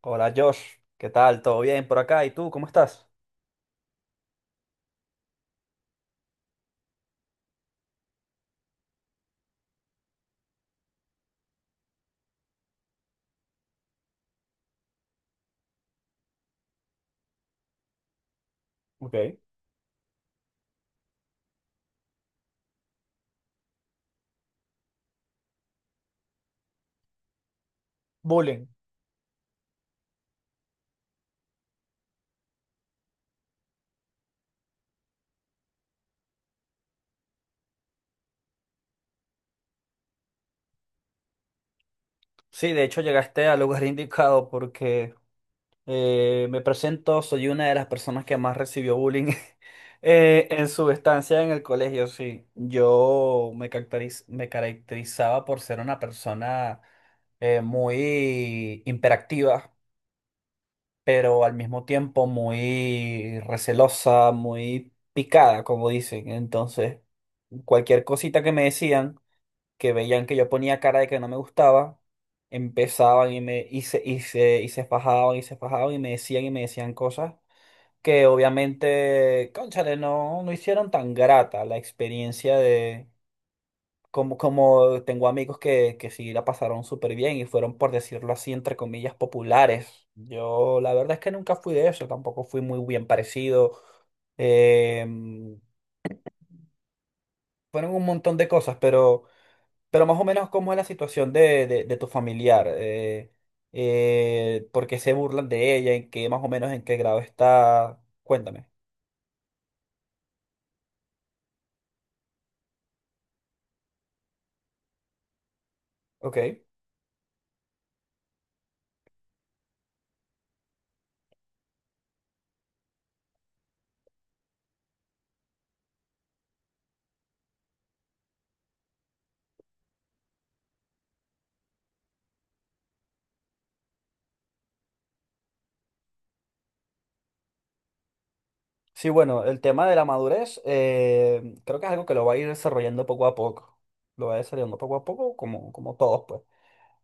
Hola Josh, ¿qué tal? ¿Todo bien por acá? ¿Y tú cómo estás? Ok. Bullying. Sí, de hecho llegaste al lugar indicado porque me presento, soy una de las personas que más recibió bullying en su estancia en el colegio, sí. Yo me caracterizaba por ser una persona muy hiperactiva, pero al mismo tiempo muy recelosa, muy picada, como dicen. Entonces, cualquier cosita que me decían, que veían que yo ponía cara de que no me gustaba, empezaban y me y se, y se, y se fajaban y me decían cosas que obviamente, cónchale, no hicieron tan grata la experiencia como tengo amigos que sí la pasaron súper bien y fueron, por decirlo así, entre comillas, populares. Yo la verdad es que nunca fui de eso, tampoco fui muy bien parecido. Em, Fueron un montón de cosas, pero más o menos cómo es la situación de tu familiar. ¿Por qué se burlan de ella? ¿En qué más o menos en qué grado está? Cuéntame. Ok. Sí, bueno, el tema de la madurez creo que es algo que lo va a ir desarrollando poco a poco. Lo va desarrollando poco a poco, como todos, pues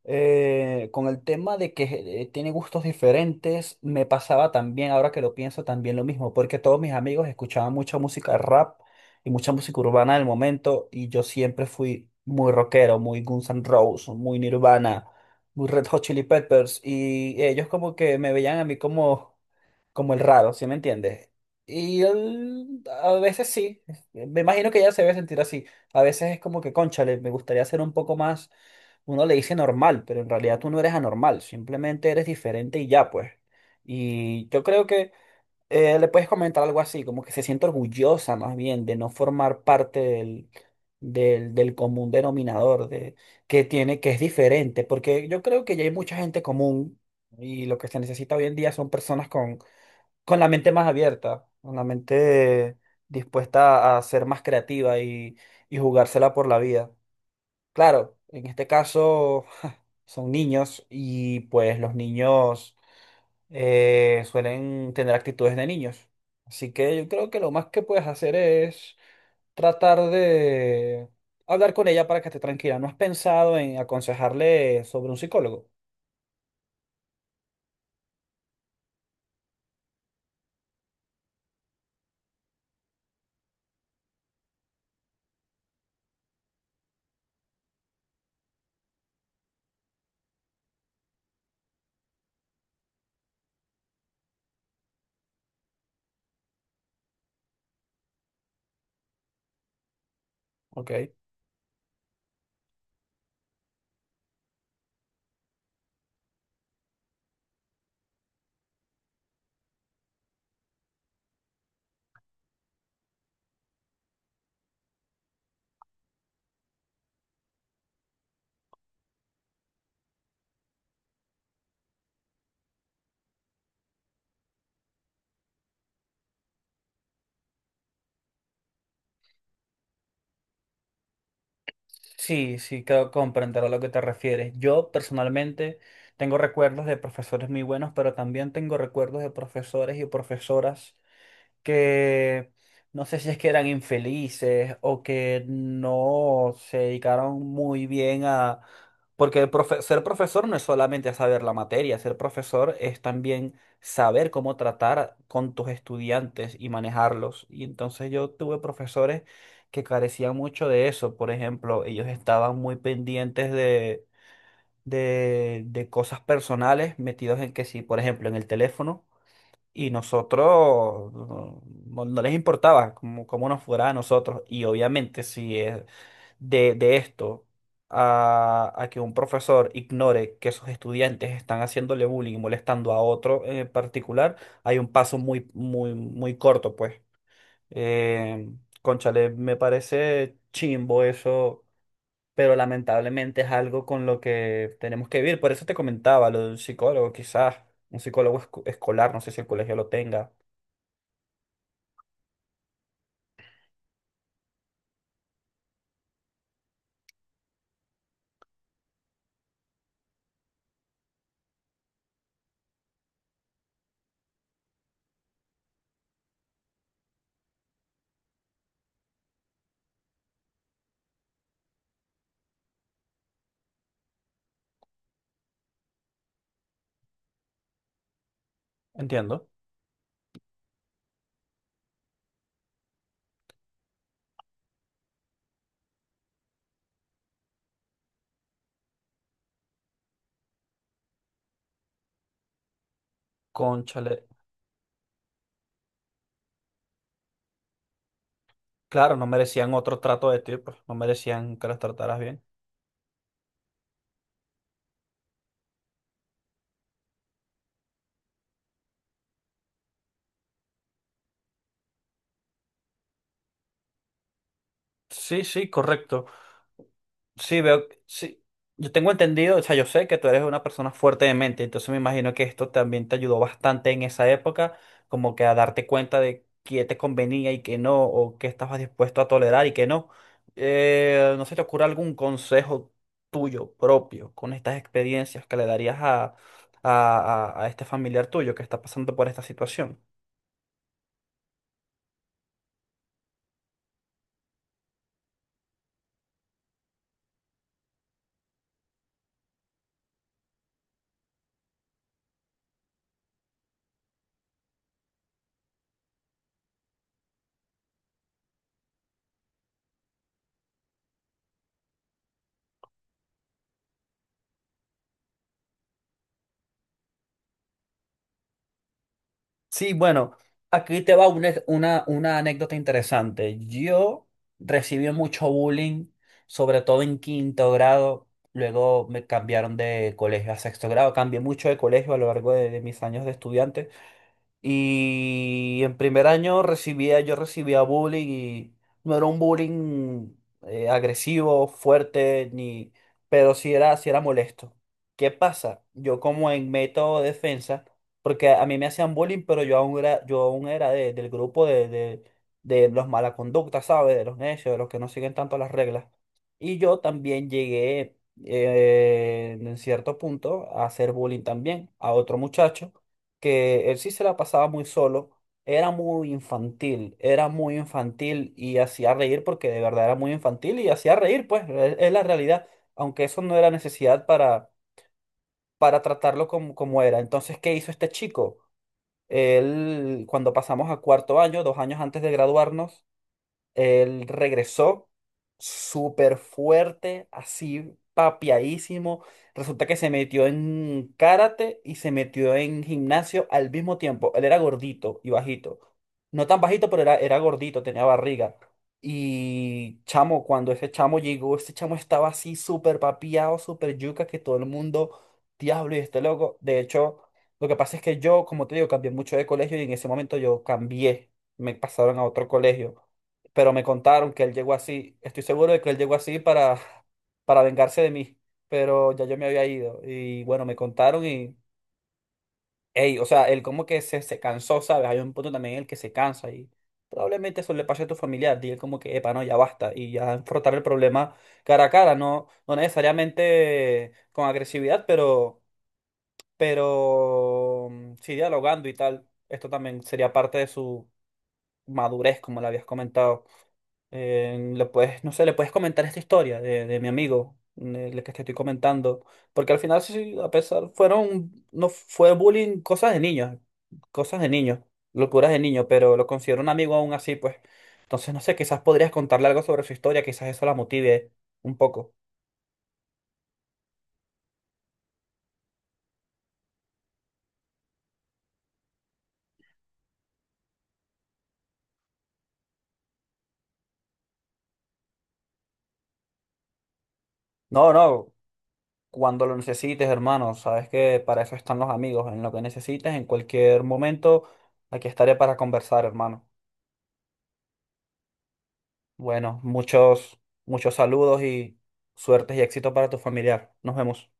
con el tema de que tiene gustos diferentes, me pasaba también, ahora que lo pienso, también lo mismo, porque todos mis amigos escuchaban mucha música rap y mucha música urbana del momento, y yo siempre fui muy rockero, muy Guns N' Roses, muy Nirvana, muy Red Hot Chili Peppers, y ellos como que me veían a mí como el raro, ¿sí me entiendes? Y él, a veces sí, me imagino que ella se debe sentir así. A veces es como que, cónchale, me gustaría ser un poco más, uno le dice normal, pero en realidad tú no eres anormal, simplemente eres diferente y ya, pues. Y yo creo que le puedes comentar algo así, como que se siente orgullosa más bien de no formar parte del común denominador, de que tiene, que es diferente, porque yo creo que ya hay mucha gente común, y lo que se necesita hoy en día son personas con la mente más abierta, con la mente dispuesta a ser más creativa y jugársela por la vida. Claro, en este caso son niños y pues los niños suelen tener actitudes de niños. Así que yo creo que lo más que puedes hacer es tratar de hablar con ella para que esté tranquila. ¿No has pensado en aconsejarle sobre un psicólogo? Ok. Sí, sí, creo comprender a lo que te refieres. Yo personalmente tengo recuerdos de profesores muy buenos, pero también tengo recuerdos de profesores y profesoras que no sé si es que eran infelices o que no se dedicaron muy bien a... Porque ser profesor no es solamente saber la materia, ser profesor es también saber cómo tratar con tus estudiantes y manejarlos. Y entonces yo tuve profesores que carecían mucho de eso. Por ejemplo, ellos estaban muy pendientes de cosas personales, metidos en que si, por ejemplo, en el teléfono. Y nosotros no les importaba cómo nos fuera a nosotros. Y obviamente si es de esto a que un profesor ignore que sus estudiantes están haciéndole bullying y molestando a otro en particular, hay un paso muy, muy, muy corto, pues. Eh, Cónchale, me parece chimbo eso, pero lamentablemente es algo con lo que tenemos que vivir. Por eso te comentaba lo de un psicólogo, quizás un psicólogo escolar, no sé si el colegio lo tenga. Entiendo. Cónchale. Claro, no merecían otro trato de ti, pues no merecían que las trataras bien. Sí, sí, correcto. Sí, veo, sí. Yo tengo entendido, o sea, yo sé que tú eres una persona fuerte de mente, entonces me imagino que esto también te ayudó bastante en esa época, como que a darte cuenta de qué te convenía y qué no, o qué estabas dispuesto a tolerar y qué no. ¿No se te ocurre algún consejo tuyo propio con estas experiencias que le darías a, a este familiar tuyo que está pasando por esta situación? Sí, bueno, aquí te va una anécdota interesante. Yo recibí mucho bullying, sobre todo en quinto grado. Luego me cambiaron de colegio a sexto grado. Cambié mucho de colegio a lo largo de mis años de estudiante. Y en primer año recibía, yo recibía bullying y no era un bullying agresivo, fuerte, ni, pero sí era molesto. ¿Qué pasa? Yo como en método de defensa, porque a mí me hacían bullying, pero yo aún era del grupo de los mala conducta, ¿sabes? De los necios, de los que no siguen tanto las reglas. Y yo también llegué en cierto punto a hacer bullying también a otro muchacho que él sí se la pasaba muy solo, era muy infantil y hacía reír porque de verdad era muy infantil y hacía reír, pues, es la realidad, aunque eso no era necesidad para tratarlo como, como era. Entonces, ¿qué hizo este chico? Él, cuando pasamos a cuarto año, dos años antes de graduarnos, él regresó súper fuerte, así papiadísimo. Resulta que se metió en karate y se metió en gimnasio al mismo tiempo. Él era gordito y bajito. No tan bajito, pero era, era gordito, tenía barriga. Y chamo, cuando ese chamo llegó, ese chamo estaba así súper papiado, súper yuca, que todo el mundo, diablo, y este loco. De hecho, lo que pasa es que yo, como te digo, cambié mucho de colegio y en ese momento yo cambié. Me pasaron a otro colegio, pero me contaron que él llegó así. Estoy seguro de que él llegó así para vengarse de mí, pero ya yo me había ido. Y bueno, me contaron y, hey, o sea, él como que se cansó, ¿sabes? Hay un punto también en el que se cansa, y probablemente eso le pase a tu familiar. Dile como que, epa, no, ya basta. Y ya enfrentar el problema cara a cara, no, no necesariamente con agresividad, pero sí dialogando y tal. Esto también sería parte de su madurez, como le habías comentado. Le puedes, no sé, le puedes comentar esta historia de mi amigo, la que te estoy comentando, porque al final sí, a pesar, fueron, no fue bullying, cosas de niños, locuras de niños, pero lo considero un amigo aún así, pues. Entonces, no sé, quizás podrías contarle algo sobre su historia, quizás eso la motive un poco. No, no, cuando lo necesites, hermano, sabes que para eso están los amigos, en lo que necesites, en cualquier momento, aquí estaré para conversar, hermano. Bueno, muchos saludos y suertes y éxito para tu familiar. Nos vemos.